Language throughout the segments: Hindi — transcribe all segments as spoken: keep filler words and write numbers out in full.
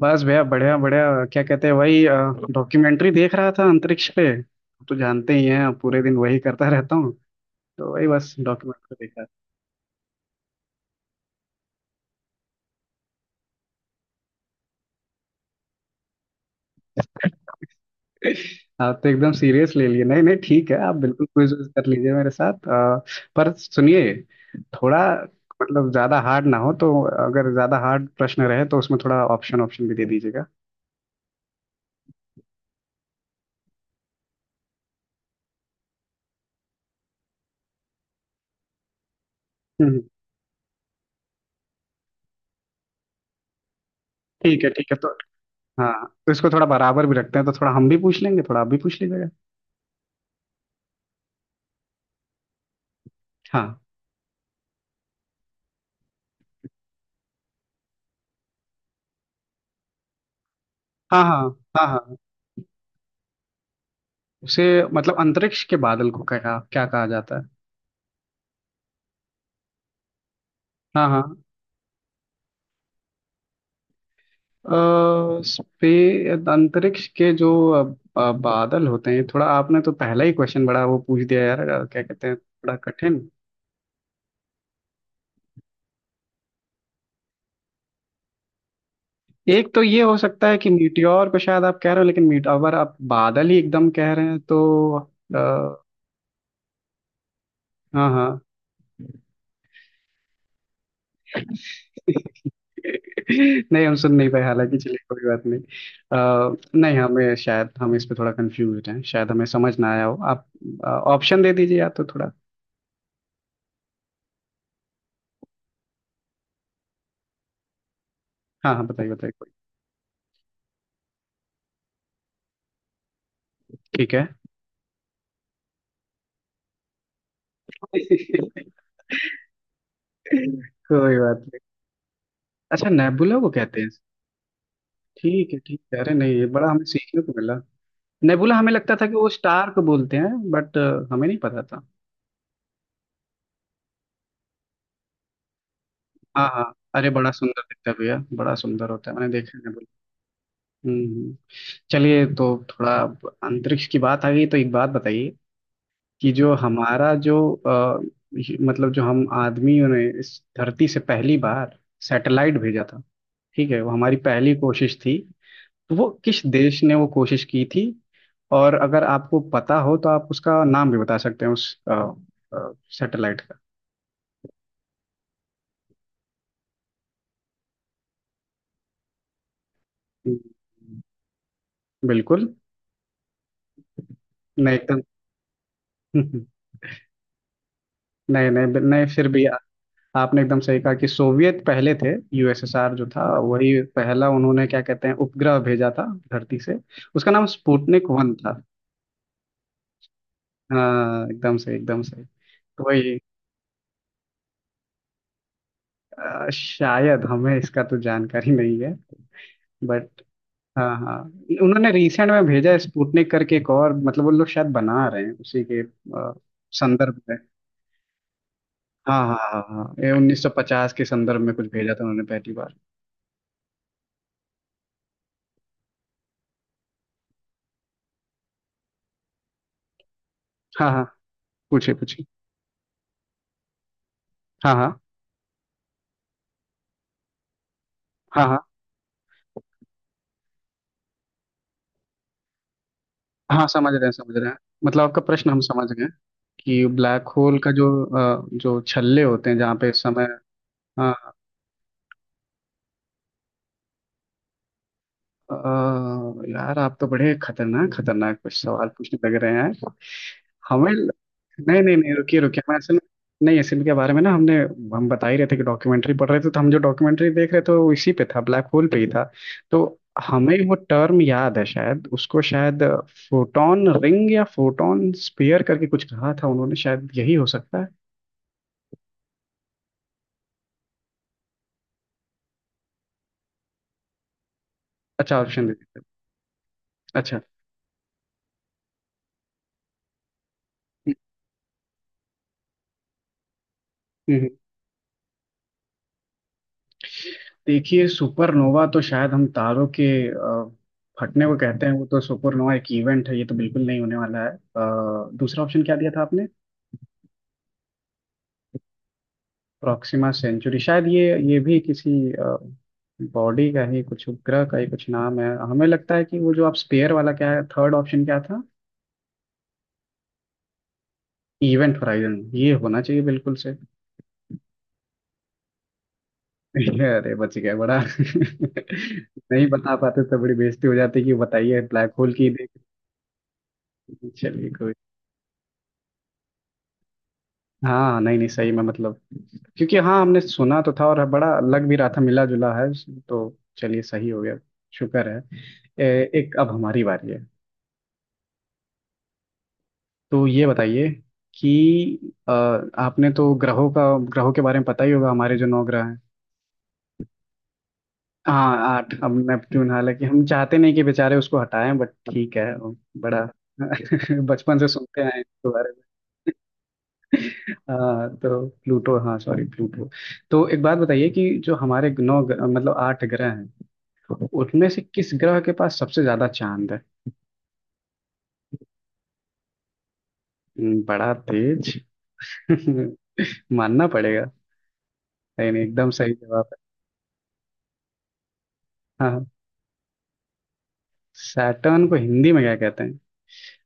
बस भैया बढ़िया बढ़िया क्या कहते हैं वही। डॉक्यूमेंट्री देख रहा था अंतरिक्ष पे। तो जानते ही हैं, पूरे दिन वही करता रहता हूँ। तो वही बस डॉक्यूमेंट्री देखा। आप तो एकदम सीरियस ले लिए। नहीं नहीं ठीक है, आप बिल्कुल क्विज कर लीजिए मेरे साथ। अ, पर सुनिए, थोड़ा, मतलब ज्यादा हार्ड ना हो तो, अगर ज्यादा हार्ड प्रश्न रहे तो उसमें थोड़ा ऑप्शन ऑप्शन भी दे दीजिएगा। हम्म, हम्म। ठीक है ठीक है। तो हाँ, तो इसको थोड़ा बराबर भी रखते हैं, तो थोड़ा हम भी पूछ लेंगे, थोड़ा आप भी पूछ लीजिएगा। हाँ हाँ, हाँ। हाँ, हाँ। उसे, मतलब अंतरिक्ष के बादल को क्या क्या कहा जाता है? हाँ, हाँ। स्पे अंतरिक्ष के जो अ, अ, बादल होते हैं, थोड़ा आपने तो पहला ही क्वेश्चन बड़ा वो पूछ दिया यार। अ, क्या कहते हैं, थोड़ा कठिन। एक तो ये हो सकता है कि मीटियोर को शायद आप कह रहे हो, लेकिन मीट, अगर आप बादल ही एकदम कह रहे हैं तो। अ, हाँ, हाँ। नहीं, हम सुन नहीं पाए, हालांकि चलिए कोई बात नहीं। अ, नहीं, हमें शायद, हम इस पे थोड़ा कंफ्यूज हैं, शायद हमें समझ ना आया हो। आप ऑप्शन दे दीजिए, या तो थोड़ा। हाँ हाँ, बताइए बताइए, कोई। ठीक है। कोई बात नहीं। अच्छा, नेबुला को कहते हैं। ठीक है ठीक है। अरे नहीं, ये बड़ा हमें सीखने को मिला। नेबुला हमें लगता था कि वो स्टार को बोलते हैं बट, हमें नहीं पता था। हाँ, हाँ। अरे बड़ा सुंदर दिखता है भैया, बड़ा सुंदर होता है, मैंने देखा है नेबुला। हम्म, हम्म। चलिए, तो थोड़ा अब अंतरिक्ष की बात आ गई तो एक बात बताइए, कि जो हमारा जो अ, ये- मतलब जो हम आदमियों ने इस धरती से पहली बार सैटेलाइट भेजा था। ठीक है, वो हमारी पहली कोशिश थी। तो वो किस देश ने वो कोशिश की थी? और अगर आपको पता हो तो आप उसका नाम भी बता सकते हैं, उस सैटेलाइट का। बिल्कुल। नहीं एकदम। नहीं नहीं बिल- नहीं, फिर भी आ- आपने एकदम सही कहा कि सोवियत पहले थे। यूएसएसआर जो था, वही पहला, उन्होंने क्या कहते हैं, उपग्रह भेजा था धरती से। उसका नाम स्पुतनिक वन था। हाँ, एकदम सही, एकदम सही। तो वही अ, शायद हमें इसका तो जानकारी नहीं है बट। हाँ, हाँ। उन्होंने रिसेंट में भेजा है स्पुतनिक करके एक और, मतलब वो लोग शायद बना रहे हैं उसी के अ, संदर्भ में। हाँ, हाँ, हाँ, हाँ। ये उन्नीस सौ पचास के संदर्भ में कुछ भेजा था उन्होंने पहली बार। हाँ, हाँ, पूछिए पूछिए। हाँ, हाँ। हाँ, हाँ। हाँ, समझ रहे हैं, समझ रहे हैं, मतलब आपका प्रश्न हम समझ गए। कि ब्लैक होल का जो अ, जो छल्ले होते हैं, जहाँ पे समय। हाँ। अ, यार आप तो बड़े खतरनाक खतरनाक कुछ सवाल पूछने लग रहे हैं। हमें, नहीं नहीं नहीं, रुकिए रुकिए, मैं असल, नहीं असल के बारे में ना हमने, हम बता ही रहे थे कि डॉक्यूमेंट्री पढ़ रहे थे, तो हम जो डॉक्यूमेंट्री देख रहे थे वो इसी पे था, ब्लैक होल पे ही था। तो हमें वो टर्म याद है शायद, उसको शायद फोटोन रिंग या फोटोन स्फीयर करके कुछ कहा था उन्होंने, शायद यही हो सकता है। अच्छा, ऑप्शन दे देते हैं। अच्छा। हम्म, हम्म। देखिए सुपरनोवा तो शायद हम तारों के अ, फटने को कहते हैं, वो तो सुपरनोवा एक इवेंट है, ये तो बिल्कुल नहीं होने वाला है। अ, दूसरा ऑप्शन क्या दिया था आपने? प्रॉक्सिमा सेंचुरी, शायद ये ये भी किसी बॉडी का ही कुछ, उपग्रह का ही कुछ नाम है, हमें लगता है। कि वो जो आप स्पेयर वाला, क्या है, थर्ड ऑप्शन क्या था? इवेंट होराइजन, ये होना चाहिए बिल्कुल से। अरे बच गया, बड़ा। नहीं बता पाते तो बड़ी बेइज्जती हो जाती, कि बताइए ब्लैक होल की देख। चलिए कोई। हाँ, नहीं नहीं, सही में, मतलब, क्योंकि हाँ हमने सुना तो था, और बड़ा लग भी रहा था, मिला जुला है, तो चलिए सही हो गया, शुक्र है। ए, एक, अब हमारी बारी है। तो ये बताइए, कि अ, आपने तो ग्रहों का, ग्रहों के बारे में पता ही होगा, हमारे जो नौ ग्रह हैं। हाँ आठ, हम नेपट्टून, हालांकि हम चाहते नहीं कि बेचारे उसको हटाएं, बट ठीक है वो, बड़ा। बचपन से सुनते आए हैं इसके बारे में। हाँ तो प्लूटो, हाँ सॉरी, प्लूटो। तो एक बात बताइए, कि जो हमारे नौ ग्रह- मतलब आठ ग्रह हैं, तो उनमें से किस ग्रह के पास सबसे ज्यादा चांद है? हम्म, बड़ा तेज। मानना पड़ेगा। नहीं नहीं, एकदम सही जवाब है। हाँ, हाँ। सैटर्न को हिंदी में क्या कहते हैं?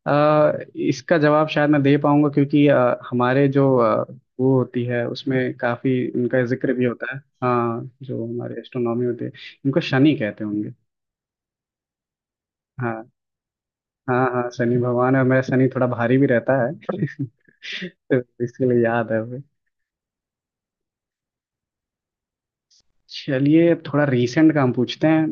अ, इसका जवाब शायद मैं दे पाऊंगा, क्योंकि अ, हमारे जो अ, वो होती है, उसमें काफी उनका जिक्र भी होता है, हाँ, जो हमारे एस्ट्रोनॉमी होते हैं। इनको शनि कहते होंगे। हाँ, हाँ, हाँ, शनि भगवान है, और मेरा शनि थोड़ा भारी भी रहता है। तो इसके लिए याद है। चलिए, अब थोड़ा रीसेंट काम पूछते हैं।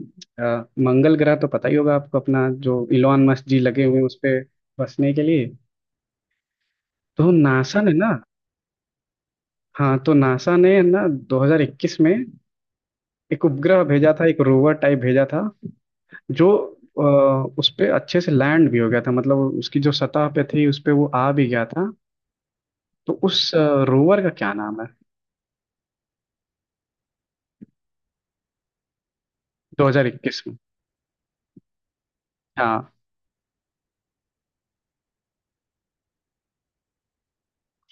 अ, मंगल ग्रह तो पता ही होगा आपको, अपना जो इलॉन मस्क जी लगे हुए हैं उस पे बसने के लिए। तो नासा ने ना। हाँ, तो नासा ने ना दो हज़ार इक्कीस में एक उपग्रह भेजा था, एक रोवर टाइप भेजा था, जो अ, उस पे अच्छे से लैंड भी हो गया था, मतलब उसकी जो सतह पे थी उस पे वो आ भी गया था। तो उस रोवर का क्या नाम है? दो हज़ार इक्कीस में। हाँ।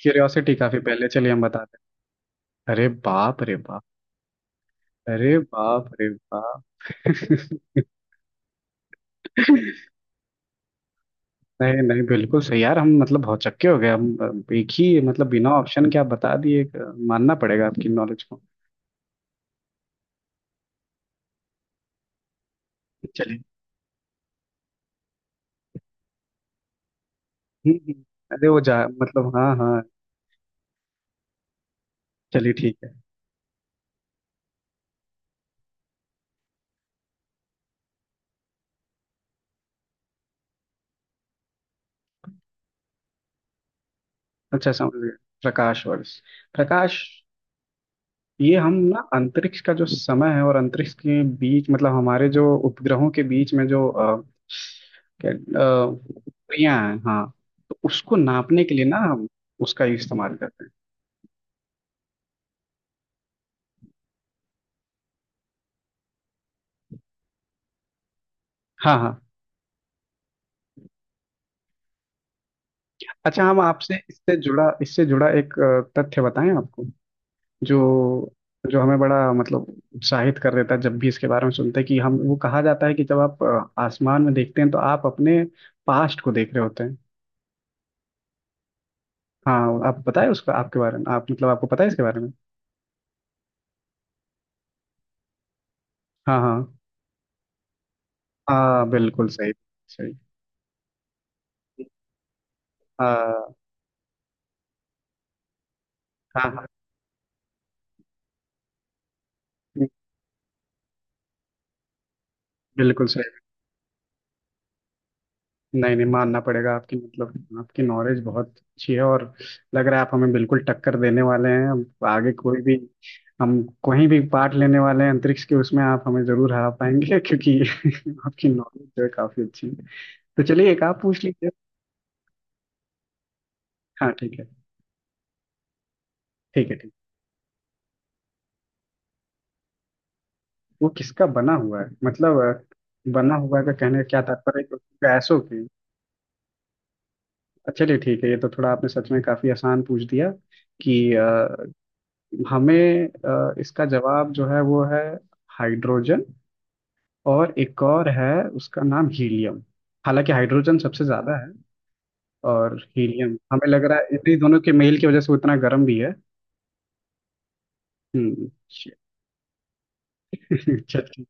क्यूरियोसिटी काफी पहले, चलिए हम बताते हैं। अरे बाप रे बाप। अरे बाप रे बाप। नहीं नहीं, बिल्कुल सही यार, हम मतलब भौचक्के हो गए हम। अ, एक ही, मतलब बिना ऑप्शन के आप बता दिए एक, अ, मानना पड़ेगा आपकी नॉलेज को। चलिए। हम्म, हम्म। अरे वो जा, मतलब हाँ, हाँ। चलिए ठीक है। अच्छा, समझ गए। प्रकाश वर्ष। प्रकाश। ये हम ना अंतरिक्ष का जो समय है, और अंतरिक्ष के बीच, मतलब हमारे जो उपग्रहों के बीच में जो अ, क्या अ, दूरियां हैं, हाँ। तो उसको नापने के लिए ना हम उसका इस्तेमाल करते हैं। हाँ, हाँ। अच्छा, हम आपसे इससे जुड़ा, इससे जुड़ा एक अ, तथ्य बताएं आपको। जो, जो हमें बड़ा, मतलब उत्साहित कर देता है जब भी इसके बारे में सुनते हैं। कि हम वो, कहा जाता है कि जब आप अ, आसमान में देखते हैं, तो आप अपने पास्ट को देख रहे होते हैं। हाँ, आप बताएं उसका, आपके बारे में, आप, मतलब आपको पता है इसके बारे में? हाँ, हाँ। हाँ, बिल्कुल सही। सही। हाँ, हाँ। हाँ, बिल्कुल सही। नहीं नहीं, मानना पड़ेगा आपकी, मतलब आपकी नॉलेज बहुत अच्छी है, और लग रहा है आप हमें बिल्कुल टक्कर देने वाले हैं, अब आगे कोई भी हम कहीं भी पार्ट लेने वाले हैं अंतरिक्ष के, उसमें आप हमें जरूर हरा पाएंगे। क्योंकि आपकी नॉलेज जो है काफी अच्छी है। तो चलिए, एक आप पूछ लीजिए। हाँ, ठीक है। ठीक है, ठीक है। वो किसका बना हुआ है, मतलब अ, बना हुआ का कहने का क्या तात्पर्य है, कि उसकी गैसों की। अच्छा, चलिए ठीक है। ये तो थोड़ा आपने सच में काफी आसान पूछ दिया। कि हमें, अ, इसका जवाब जो है वो है हाइड्रोजन, और एक और है, उसका नाम हीलियम। हालांकि हाइड्रोजन सबसे ज्यादा है, और हीलियम, हमें लग रहा है इन्हीं दोनों के मेल की वजह से वो इतना गर्म भी है। हम्म। अच्छा, ठीक।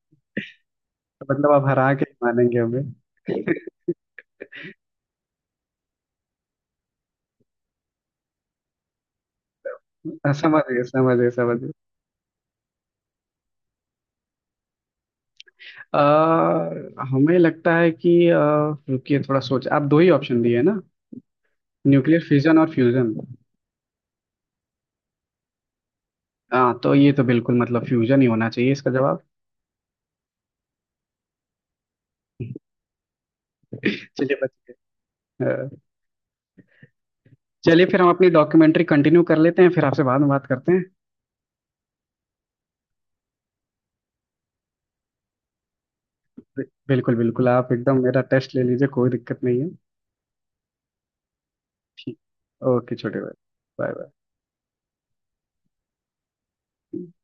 तो मतलब आप हरा के ही मानेंगे हमें। अ, समझ गए, समझ गए, समझ गए। अ, हमें लगता है कि अ, रुकिए थोड़ा सोच, आप दो ही ऑप्शन दिए ना, न्यूक्लियर फिजन और फ्यूजन। हाँ, तो ये तो बिल्कुल मतलब फ्यूजन ही होना चाहिए इसका जवाब। चलिए, बच गए। चलिए, फिर हम अपनी डॉक्यूमेंट्री कंटिन्यू कर लेते हैं, फिर आपसे बाद में बात करते हैं। बि- बिल्कुल बिल्कुल, आप एकदम मेरा टेस्ट ले लीजिए, कोई दिक्कत नहीं है। ठीक। ओके छोटे भाई, बाय। बाय।